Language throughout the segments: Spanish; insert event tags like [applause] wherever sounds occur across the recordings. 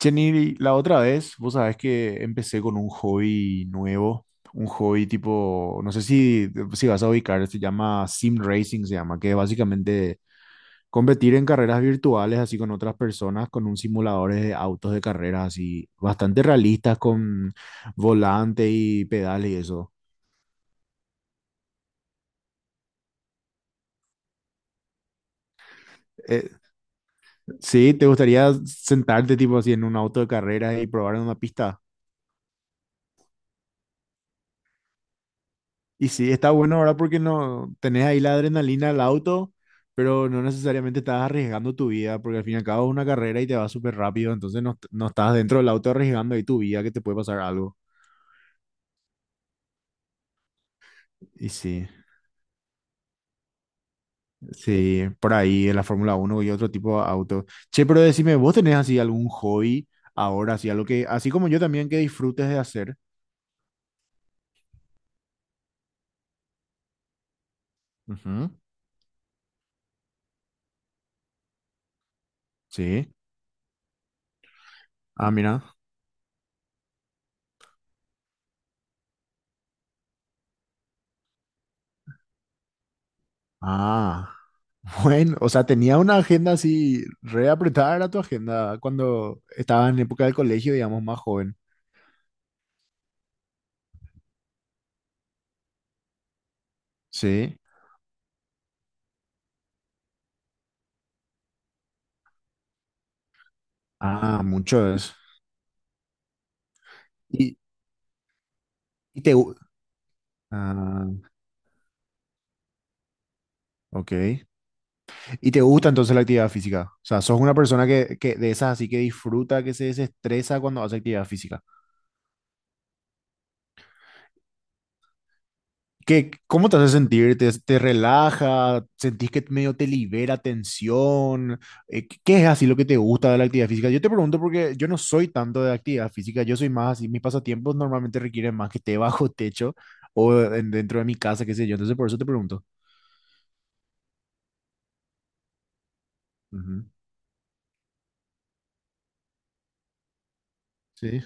Jenny, la otra vez, vos sabés que empecé con un hobby nuevo, un hobby tipo, no sé si vas a ubicar, se llama Sim Racing, se llama, que es básicamente competir en carreras virtuales así con otras personas, con un simulador de autos de carreras así, bastante realistas con volante y pedales y eso. Eh, sí, ¿te gustaría sentarte tipo así en un auto de carreras y probar en una pista? Y sí, está bueno ahora porque no tenés ahí la adrenalina al auto, pero no necesariamente estás arriesgando tu vida, porque al fin y al cabo es una carrera y te va súper rápido, entonces no, no estás dentro del auto arriesgando ahí tu vida que te puede pasar algo. Y sí, sí, por ahí en la Fórmula 1 y otro tipo de auto. Che, pero decime, ¿vos tenés así algún hobby ahora, así algo que, así como yo también que disfrutes de hacer? Ujú. Sí. Ah, mira. Ah. Bueno, o sea, tenía una agenda así re apretada era tu agenda cuando estaba en época del colegio, digamos, más joven. Sí. Ah, mucho es. Y, y ah, ok. ¿Y te gusta entonces la actividad física? O sea, sos una persona que de esas así que disfruta, que se desestresa cuando hace actividad física. ¿Qué, cómo te hace sentir? ¿Te relaja? ¿Sentís que medio te libera tensión? ¿Qué qué es así lo que te gusta de la actividad física? Yo te pregunto porque yo no soy tanto de actividad física, yo soy más así, mis pasatiempos normalmente requieren más que esté [laughs] bajo techo dentro de mi casa, qué sé yo, entonces por eso te pregunto. Ujú. Sí,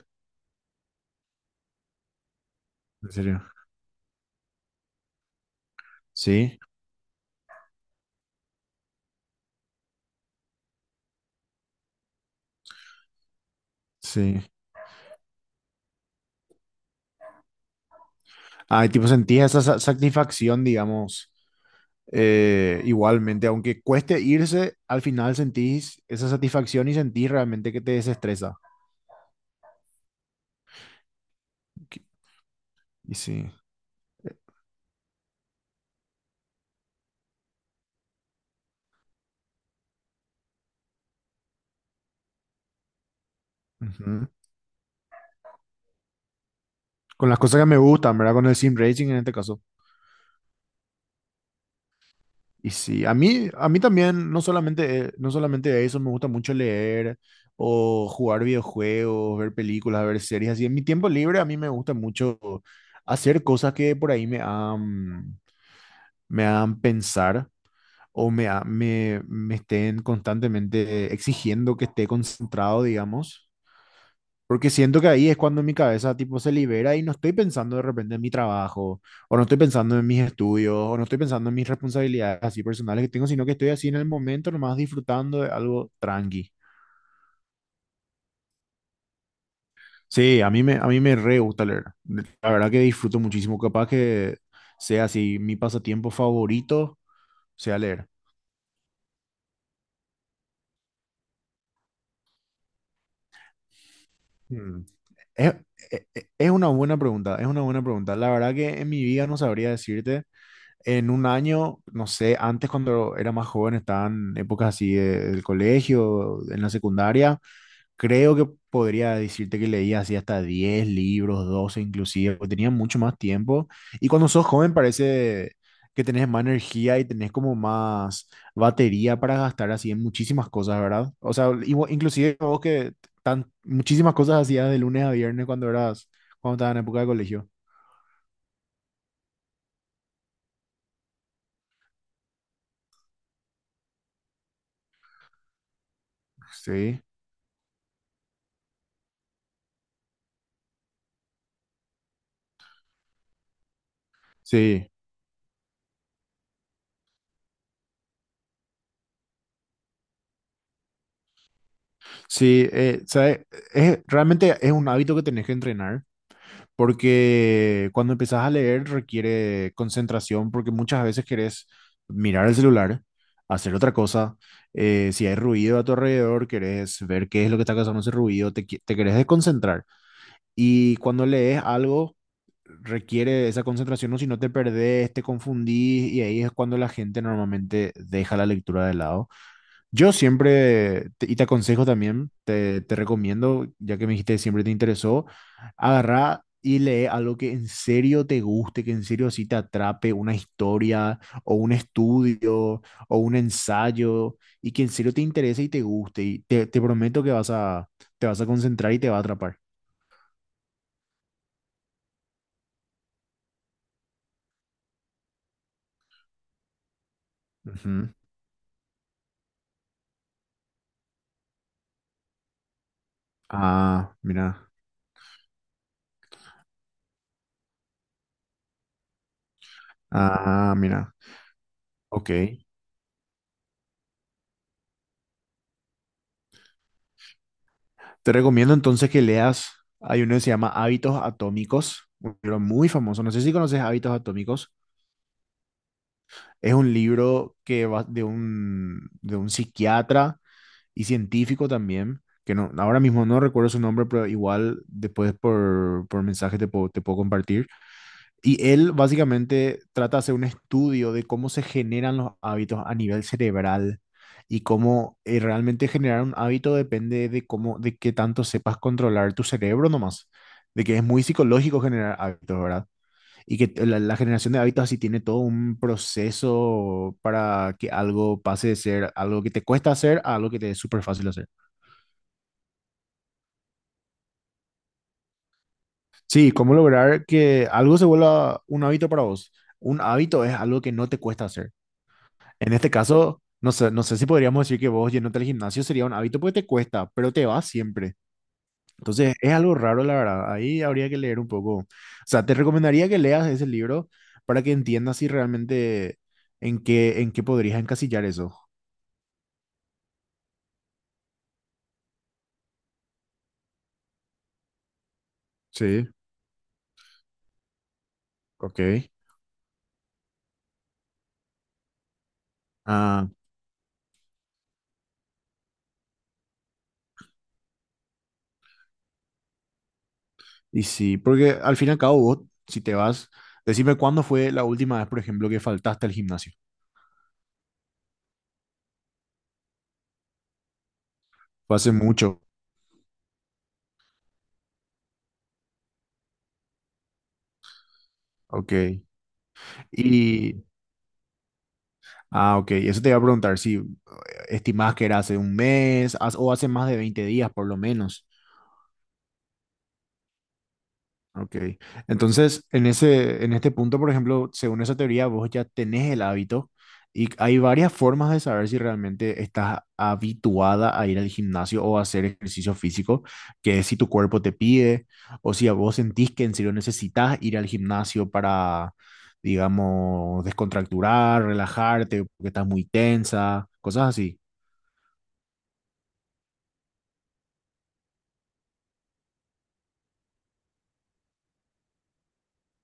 en serio. Sí, sí. Ay, tipo, sentís esa satisfacción, digamos, igualmente, aunque cueste irse, al final sentís esa satisfacción y sentís realmente que te desestresa. Y sí. eh, ujú. Con las cosas que me gustan, ¿verdad? Con el sim racing en este caso. Y sí, a mí también, no solamente, no solamente eso, me gusta mucho leer o jugar videojuegos, ver películas, ver series. Así, en mi tiempo libre a mí me gusta mucho hacer cosas que por ahí me hagan pensar o me estén constantemente exigiendo que esté concentrado, digamos. Porque siento que ahí es cuando mi cabeza tipo se libera y no estoy pensando de repente en mi trabajo, o no estoy pensando en mis estudios, o no estoy pensando en mis responsabilidades así personales que tengo, sino que estoy así en el momento nomás disfrutando de algo tranqui. Sí, a mí me re gusta leer. La verdad que disfruto muchísimo, capaz que sea así mi pasatiempo favorito, sea leer. Hmm. Es, es es una buena pregunta, es una buena pregunta. La verdad que en mi vida no sabría decirte. En un año, no sé, antes cuando era más joven, estaban épocas así del colegio, en la secundaria, creo que podría decirte que leía así hasta 10 libros, 12 inclusive, porque tenía mucho más tiempo. Y cuando sos joven parece que tenés más energía y tenés como más batería para gastar así en muchísimas cosas, ¿verdad? O sea, inclusive vos que tan, muchísimas cosas hacías de lunes a viernes cuando eras, cuando estabas en época de colegio. Sí, sí. Sí, ¿sabe? Es, realmente es un hábito que tenés que entrenar porque cuando empezás a leer requiere concentración porque muchas veces querés mirar el celular, hacer otra cosa, si hay ruido a tu alrededor, querés ver qué es lo que está causando ese ruido, te querés desconcentrar. Y cuando lees algo requiere esa concentración o si no te perdés, te confundís y ahí es cuando la gente normalmente deja la lectura de lado. Yo siempre, y te aconsejo también, te recomiendo, ya que me dijiste que siempre te interesó, agarrá y lee algo que en serio te guste, que en serio sí te atrape, una historia o un estudio o un ensayo, y que en serio te interese y te guste. Y te prometo que te vas a concentrar y te va a atrapar. Ujú. Ah, mira. Ah, mira. Ok. Te recomiendo entonces que leas, hay uno que se llama Hábitos Atómicos, un libro muy famoso, no sé si conoces Hábitos Atómicos, es un libro que va de de un psiquiatra y científico también, que no, ahora mismo no recuerdo su nombre, pero igual después por mensaje te puedo compartir y él básicamente trata de hacer un estudio de cómo se generan los hábitos a nivel cerebral y cómo realmente generar un hábito depende de cómo, de qué tanto sepas controlar tu cerebro nomás, de que es muy psicológico generar hábitos, ¿verdad? Y que la generación de hábitos así tiene todo un proceso para que algo pase de ser algo que te cuesta hacer a algo que te es súper fácil hacer. Sí, cómo lograr que algo se vuelva un hábito para vos. Un hábito es algo que no te cuesta hacer. En este caso, no sé, no sé si podríamos decir que vos yéndote al gimnasio sería un hábito porque te cuesta, pero te vas siempre. Entonces, es algo raro, la verdad. Ahí habría que leer un poco. O sea, te recomendaría que leas ese libro para que entiendas si realmente en qué podrías encasillar eso. Sí, ok. Ah, y sí, porque al fin y al cabo vos, si te vas, decime cuándo fue la última vez, por ejemplo, que faltaste al gimnasio. Fue hace mucho. Ok. Y, ah, ok, eso te iba a preguntar, sí, estimás que era hace un mes o hace más de 20 días por lo menos. Ok. Entonces, en este punto, por ejemplo, según esa teoría, vos ya tenés el hábito y hay varias formas de saber si realmente estás habituada a ir al gimnasio o a hacer ejercicio físico, que es si tu cuerpo te pide o si a vos sentís que en serio necesitas ir al gimnasio para, digamos, descontracturar, relajarte, porque estás muy tensa, cosas así.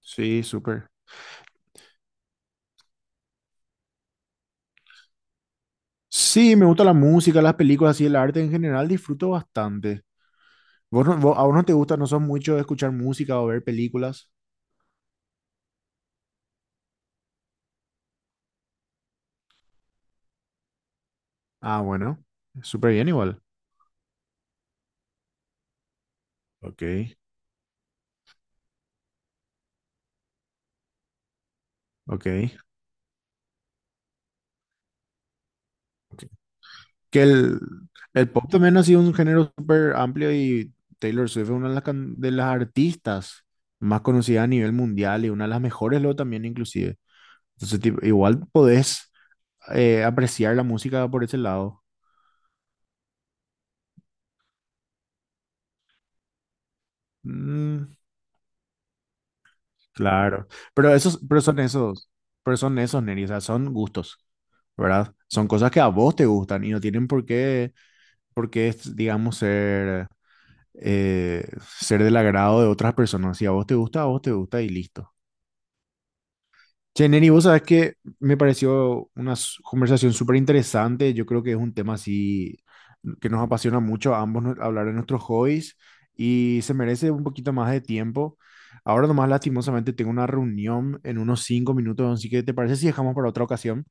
Sí, súper. Sí, me gusta la música, las películas y el arte en general, disfruto bastante. ¿Vos, no- vos- a vos no te gusta, no sos mucho de escuchar música o ver películas? Ah, bueno, súper bien igual. Ok, ok, ok. Que el pop también ha sido un género súper amplio y Taylor Swift es una de las, de las artistas más conocidas a nivel mundial y una de las mejores luego también inclusive. Entonces, tipo, igual podés apreciar la música por ese lado. Mm. Claro, pero esos, pero son esos, Neri, o sea, son gustos, ¿verdad? Son cosas que a vos te gustan y no tienen por qué, es, digamos, ser, eh, ser del agrado de otras personas. Si a vos te gusta, a vos te gusta y listo. Che, Neri, vos sabés que me pareció una conversación súper interesante. Yo creo que es un tema así que nos apasiona mucho a ambos hablar de nuestros hobbies y se merece un poquito más de tiempo. Ahora nomás lastimosamente tengo una reunión en unos 5 minutos, así que ¿te parece si dejamos para otra ocasión?